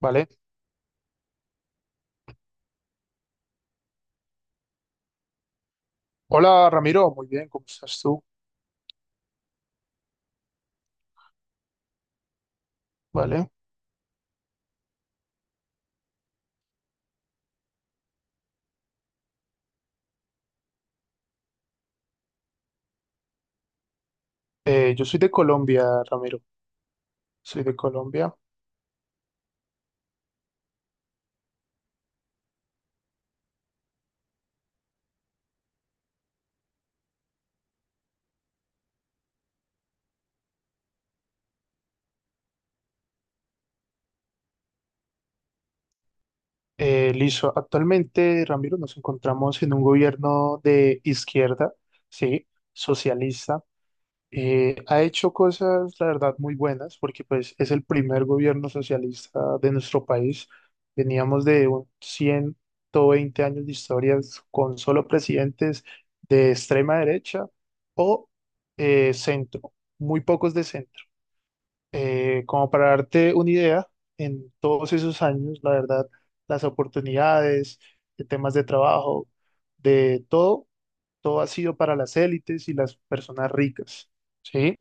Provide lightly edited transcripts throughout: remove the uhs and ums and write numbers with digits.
Vale. Hola Ramiro, muy bien, ¿cómo estás tú? Vale. Yo soy de Colombia, Ramiro, soy de Colombia. Listo, actualmente, Ramiro, nos encontramos en un gobierno de izquierda, sí, socialista. Ha hecho cosas, la verdad, muy buenas, porque pues es el primer gobierno socialista de nuestro país. Veníamos de un 120 años de historias con solo presidentes de extrema derecha o centro, muy pocos de centro. Como para darte una idea, en todos esos años, la verdad, las oportunidades, de temas de trabajo, de todo, todo ha sido para las élites y las personas ricas, ¿sí?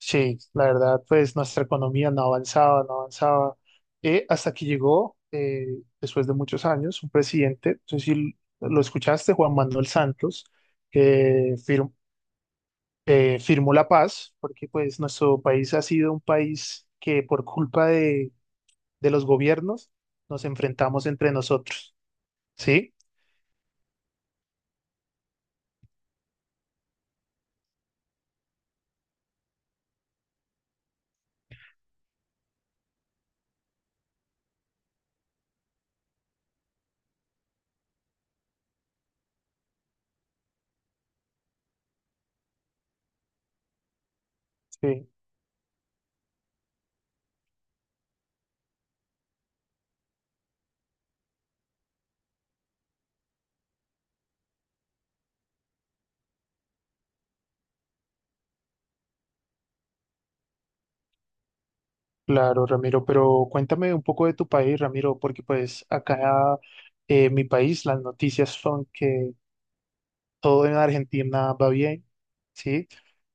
Sí, la verdad, pues nuestra economía no avanzaba, no avanzaba, hasta que llegó, después de muchos años, un presidente, no sé si lo escuchaste, Juan Manuel Santos, que firmó la paz, porque pues nuestro país ha sido un país que por culpa de los gobiernos nos enfrentamos entre nosotros, ¿sí? Sí, claro, Ramiro, pero cuéntame un poco de tu país, Ramiro, porque pues acá... En mi país, las noticias son que todo en Argentina va bien, ¿sí?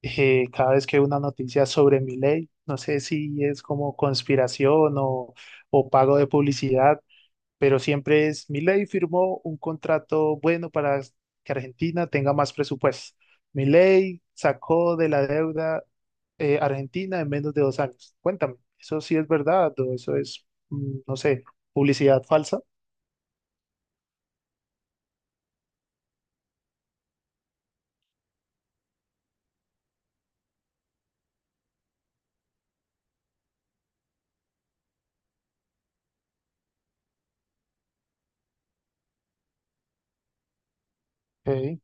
Cada vez que hay una noticia sobre mi ley, no sé si es como conspiración o pago de publicidad, pero siempre es mi ley firmó un contrato bueno para que Argentina tenga más presupuesto. Mi ley sacó de la deuda Argentina en menos de 2 años. Cuéntame, ¿eso sí es verdad o eso es, no sé, publicidad falsa? Ok.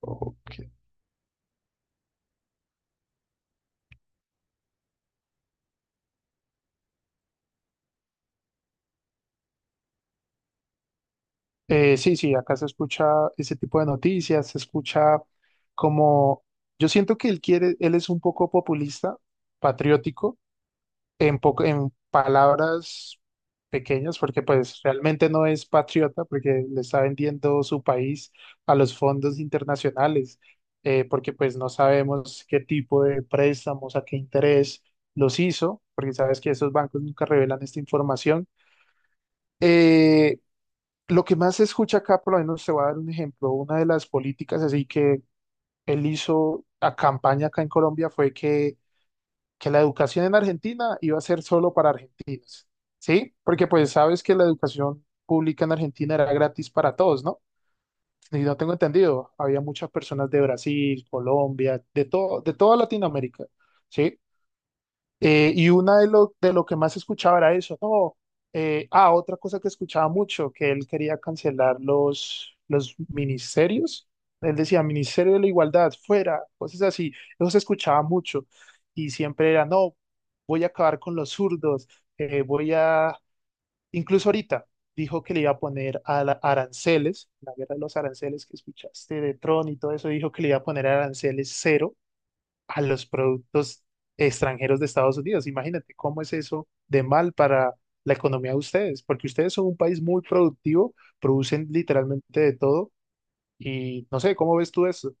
Ok, sí, sí, acá se escucha ese tipo de noticias, se escucha como, yo siento que él quiere, él es un poco populista, patriótico, en poco, en palabras pequeñas, porque pues realmente no es patriota, porque le está vendiendo su país a los fondos internacionales, porque pues no sabemos qué tipo de préstamos, a qué interés los hizo, porque sabes que esos bancos nunca revelan esta información. Eh, lo que más se escucha acá, por lo menos te voy a dar un ejemplo, una de las políticas así que él hizo a campaña acá en Colombia fue que la educación en Argentina iba a ser solo para argentinos, ¿sí? Porque pues sabes que la educación pública en Argentina era gratis para todos, ¿no? Y no tengo entendido, había muchas personas de Brasil, Colombia, de todo, de toda Latinoamérica, ¿sí? Y una de lo que más escuchaba era eso, no, ah, otra cosa que escuchaba mucho, que él quería cancelar los ministerios, él decía, Ministerio de la Igualdad, fuera, cosas así, eso se escuchaba mucho, y siempre era, no, voy a acabar con los zurdos, voy a, incluso ahorita, dijo que le iba a poner a aranceles, la guerra de los aranceles que escuchaste de Tron y todo eso, dijo que le iba a poner aranceles cero a los productos extranjeros de Estados Unidos. Imagínate cómo es eso de mal para la economía de ustedes, porque ustedes son un país muy productivo, producen literalmente de todo y no sé, ¿cómo ves tú eso?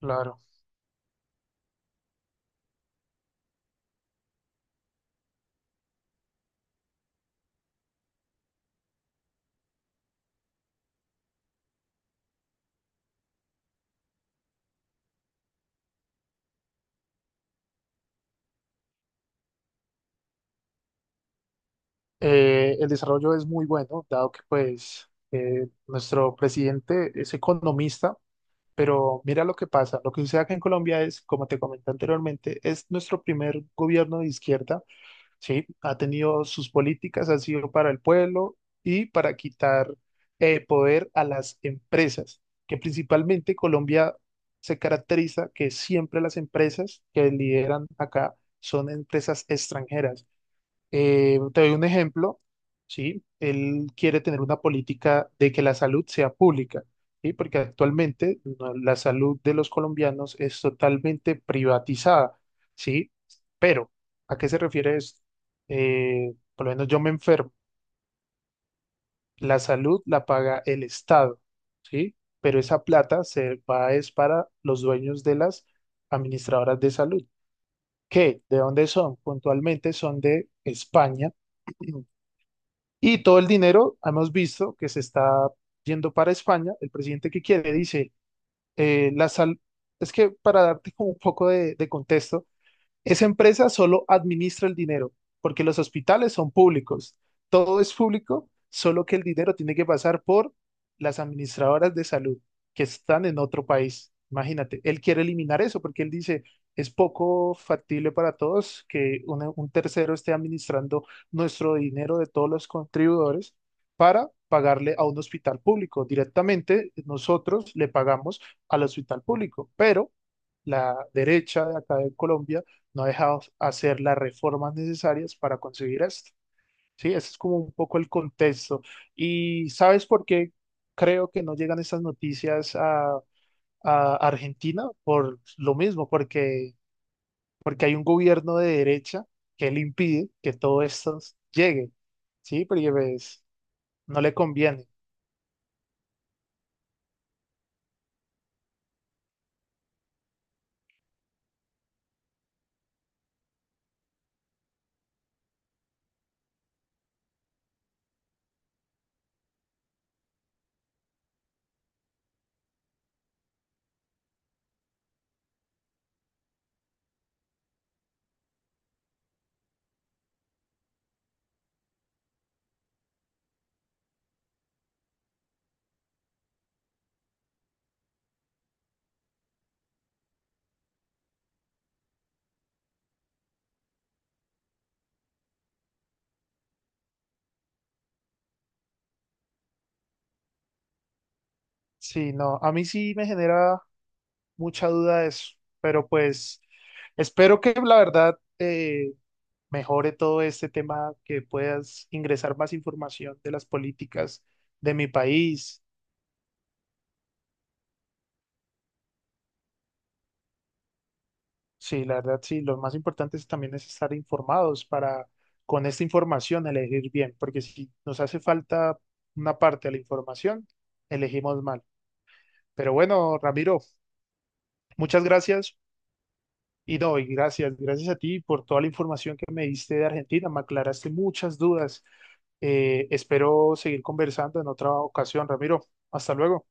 Claro. El desarrollo es muy bueno, dado que pues nuestro presidente es economista, pero mira lo que pasa. Lo que sucede acá en Colombia es, como te comenté anteriormente, es nuestro primer gobierno de izquierda, ¿sí? Ha tenido sus políticas, ha sido para el pueblo y para quitar poder a las empresas, que principalmente Colombia se caracteriza que siempre las empresas que lideran acá son empresas extranjeras. Te doy un ejemplo, ¿sí? Él quiere tener una política de que la salud sea pública, ¿sí? Porque actualmente no, la salud de los colombianos es totalmente privatizada, ¿sí? Pero, ¿a qué se refiere esto? Por lo menos yo me enfermo, la salud la paga el Estado, ¿sí? Pero esa plata se va es para los dueños de las administradoras de salud, que ¿de dónde son? Puntualmente son de España. Y todo el dinero, hemos visto que se está yendo para España. El presidente que quiere dice, la sal... es que para darte como un poco de contexto, esa empresa solo administra el dinero, porque los hospitales son públicos. Todo es público, solo que el dinero tiene que pasar por las administradoras de salud que están en otro país. Imagínate, él quiere eliminar eso porque él dice, es poco factible para todos que un tercero esté administrando nuestro dinero de todos los contribuidores para pagarle a un hospital público. Directamente nosotros le pagamos al hospital público, pero la derecha de acá de Colombia no ha dejado hacer las reformas necesarias para conseguir esto. Sí, ese es como un poco el contexto. ¿Y sabes por qué creo que no llegan estas noticias a Argentina? Por lo mismo, porque, porque hay un gobierno de derecha que le impide que todo esto llegue, ¿sí? Porque pues, no le conviene. Sí, no, a mí sí me genera mucha duda eso, pero pues espero que la verdad... mejore todo este tema, que puedas ingresar más información de las políticas de mi país. Sí, la verdad, sí, lo más importante es también es estar informados para con esta información elegir bien, porque si nos hace falta una parte de la información, elegimos mal. Pero bueno, Ramiro, muchas gracias. Y no, y gracias, gracias a ti por toda la información que me diste de Argentina, me aclaraste muchas dudas. Espero seguir conversando en otra ocasión, Ramiro. Hasta luego.